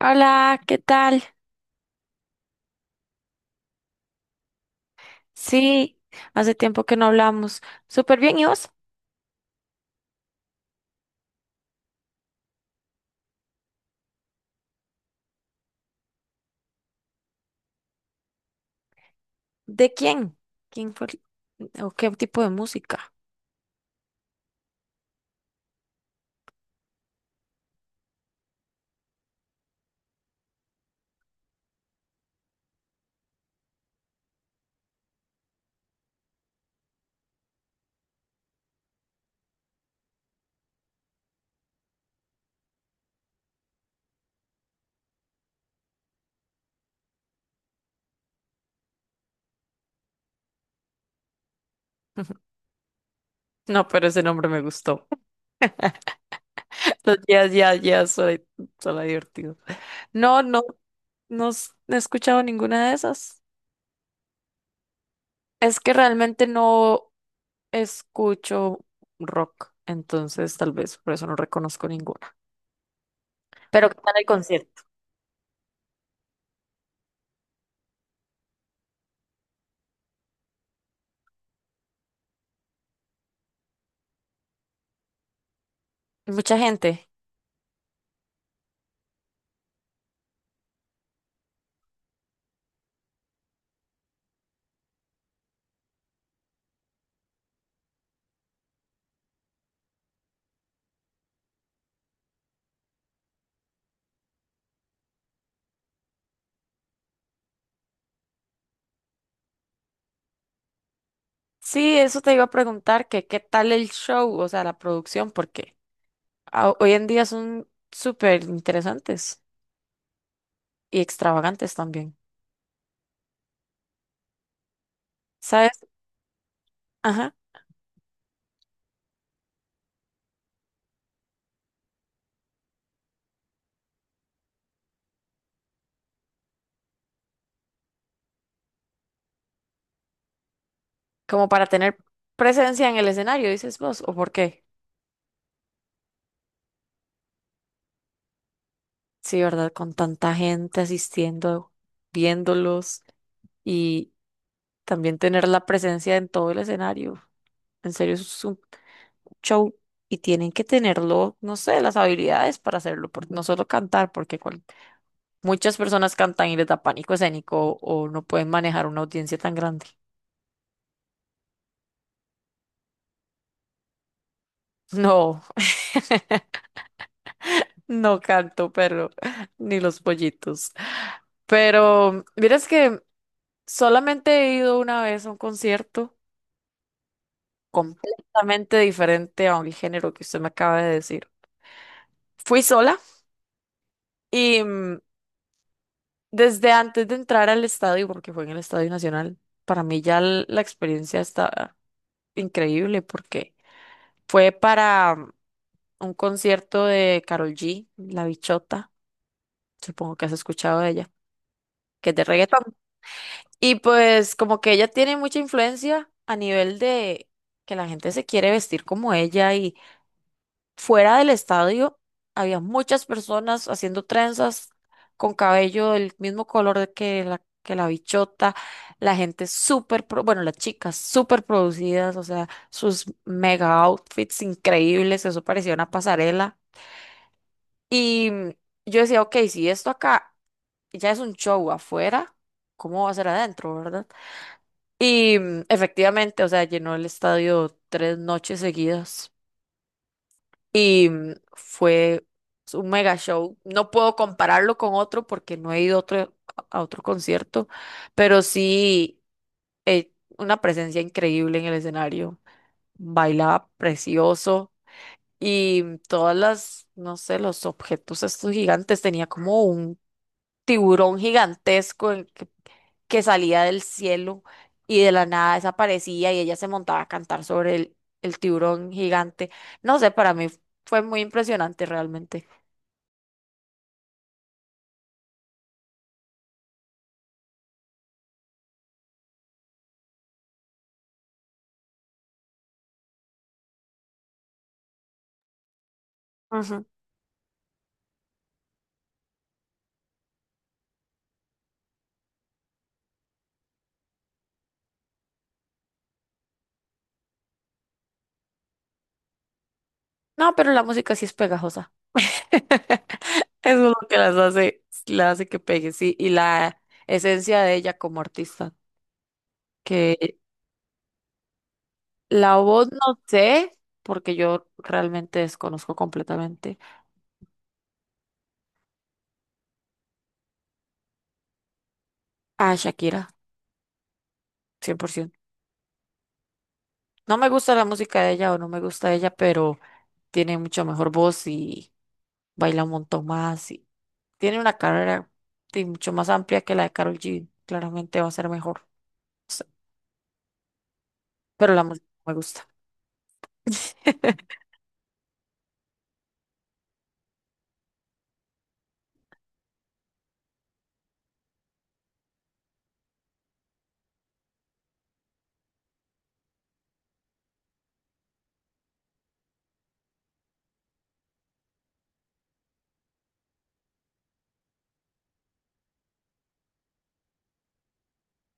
Hola, ¿qué tal? Sí, hace tiempo que no hablamos. Súper bien, ¿y vos? ¿De quién? ¿Quién fue? ¿O qué tipo de música? No, pero ese nombre me gustó. Los Yes, Yes, Yes, suena divertido. No, no, no he escuchado ninguna de esas. Es que realmente no escucho rock, entonces tal vez por eso no reconozco ninguna. Pero ¿qué tal el concierto? Mucha gente. Sí, eso te iba a preguntar, que qué tal el show, o sea, la producción, porque hoy en día son súper interesantes y extravagantes también. ¿Sabes? Ajá. Como para tener presencia en el escenario, dices vos, ¿o por qué? Sí, ¿verdad? Con tanta gente asistiendo, viéndolos y también tener la presencia en todo el escenario. En serio, eso es un show y tienen que tenerlo, no sé, las habilidades para hacerlo, no solo cantar, porque muchas personas cantan y les da pánico escénico o no pueden manejar una audiencia tan grande. No, no canto, pero ni los pollitos. Pero miras que solamente he ido una vez a un concierto completamente diferente a un género que usted me acaba de decir. Fui sola y desde antes de entrar al estadio, porque fue en el Estadio Nacional, para mí ya la experiencia está increíble porque fue para un concierto de Karol G, La Bichota, supongo que has escuchado de ella, que es de reggaetón. Y pues como que ella tiene mucha influencia a nivel de que la gente se quiere vestir como ella y fuera del estadio había muchas personas haciendo trenzas con cabello del mismo color que la bichota, la gente súper, bueno, las chicas súper producidas, o sea, sus mega outfits increíbles, eso parecía una pasarela. Y yo decía, ok, si esto acá ya es un show afuera, ¿cómo va a ser adentro, verdad? Y efectivamente, o sea, llenó el estadio tres noches seguidas. Y fue un mega show. No puedo compararlo con otro porque no he ido a otro concierto, pero sí eh, una presencia increíble en el escenario. Bailaba precioso y todas las, no sé, los objetos estos gigantes. Tenía como un tiburón gigantesco que salía del cielo y de la nada desaparecía y ella se montaba a cantar sobre el tiburón gigante. No sé, para mí fue muy impresionante realmente. Ujú. No, pero la música sí es pegajosa. Eso es lo que las hace, la hace que pegue, sí. Y la esencia de ella como artista. Que la voz no sé, porque yo realmente desconozco completamente a Shakira, 100%. No me gusta la música de ella o no me gusta ella, pero tiene mucho mejor voz y baila un montón más. Y tiene una carrera sí, mucho más amplia que la de Karol G. Claramente va a ser mejor. O sea, pero la música no me gusta.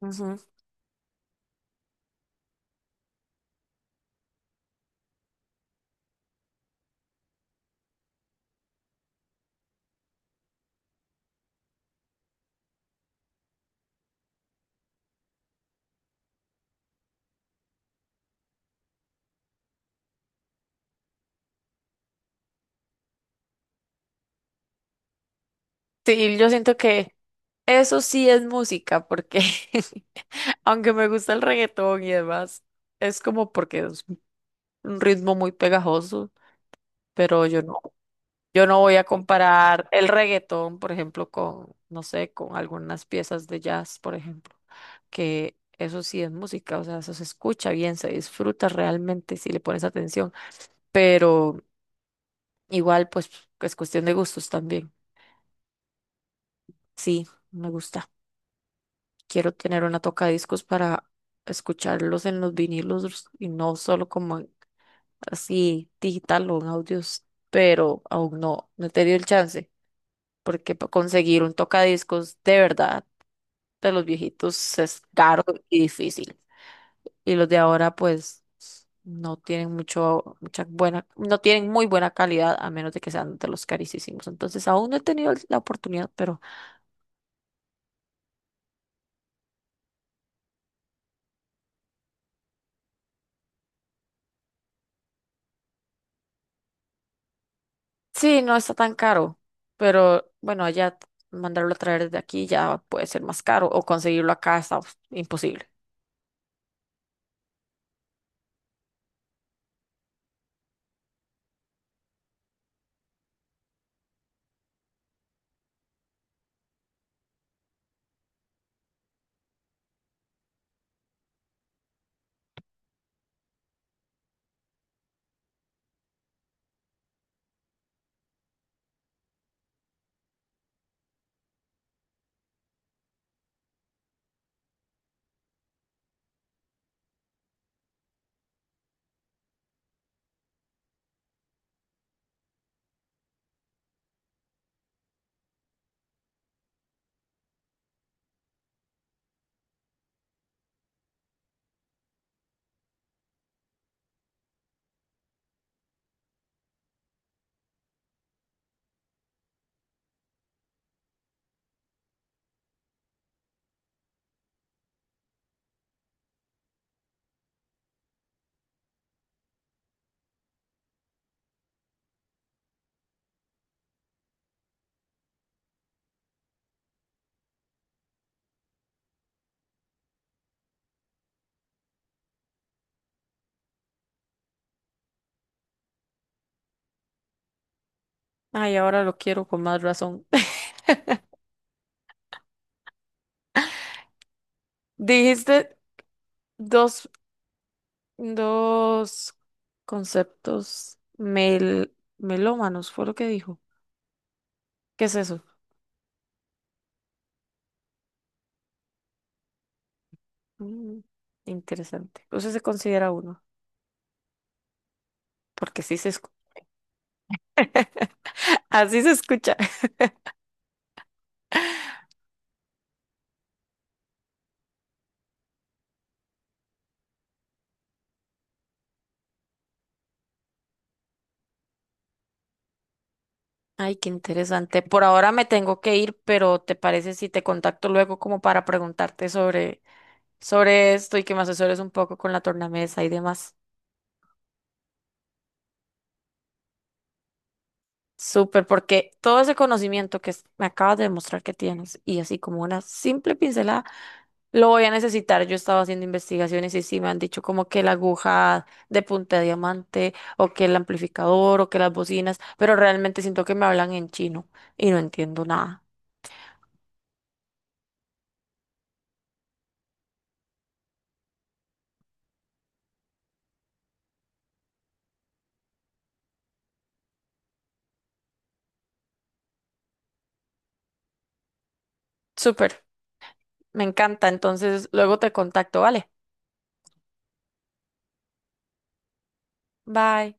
Ujú. Sí, yo siento que eso sí es música, porque aunque me gusta el reggaetón y demás, es como porque es un ritmo muy pegajoso, pero yo no, yo no voy a comparar el reggaetón, por ejemplo, con, no sé, con algunas piezas de jazz, por ejemplo, que eso sí es música, o sea, eso se escucha bien, se disfruta realmente si le pones atención, pero igual, pues, es cuestión de gustos también. Sí, me gusta. Quiero tener una tocadiscos para escucharlos en los vinilos y no solo como así digital o en audios, pero aún no, no he tenido el chance, porque conseguir un tocadiscos de verdad de los viejitos es caro y difícil. Y los de ahora pues no tienen mucho, mucha buena, no tienen muy buena calidad a menos de que sean de los carísimos. Entonces aún no he tenido la oportunidad, pero sí, no está tan caro, pero bueno, allá mandarlo a traer desde aquí ya puede ser más caro o conseguirlo acá está uf, imposible. Ay, ahora lo quiero con más razón. Dijiste dos, dos conceptos melómanos, fue lo que dijo. ¿Qué es eso? Mm, interesante. Eso se considera uno, porque sí se escucha. Así se escucha. Ay, qué interesante. Por ahora me tengo que ir, pero ¿te parece si te contacto luego como para preguntarte sobre esto y que me asesores un poco con la tornamesa y demás. Súper, porque todo ese conocimiento que me acabas de demostrar que tienes y así como una simple pincelada, lo voy a necesitar. Yo estaba haciendo investigaciones y sí me han dicho como que la aguja de punta de diamante o que el amplificador o que las bocinas, pero realmente siento que me hablan en chino y no entiendo nada. Súper, me encanta. Entonces luego te contacto, ¿vale? Bye.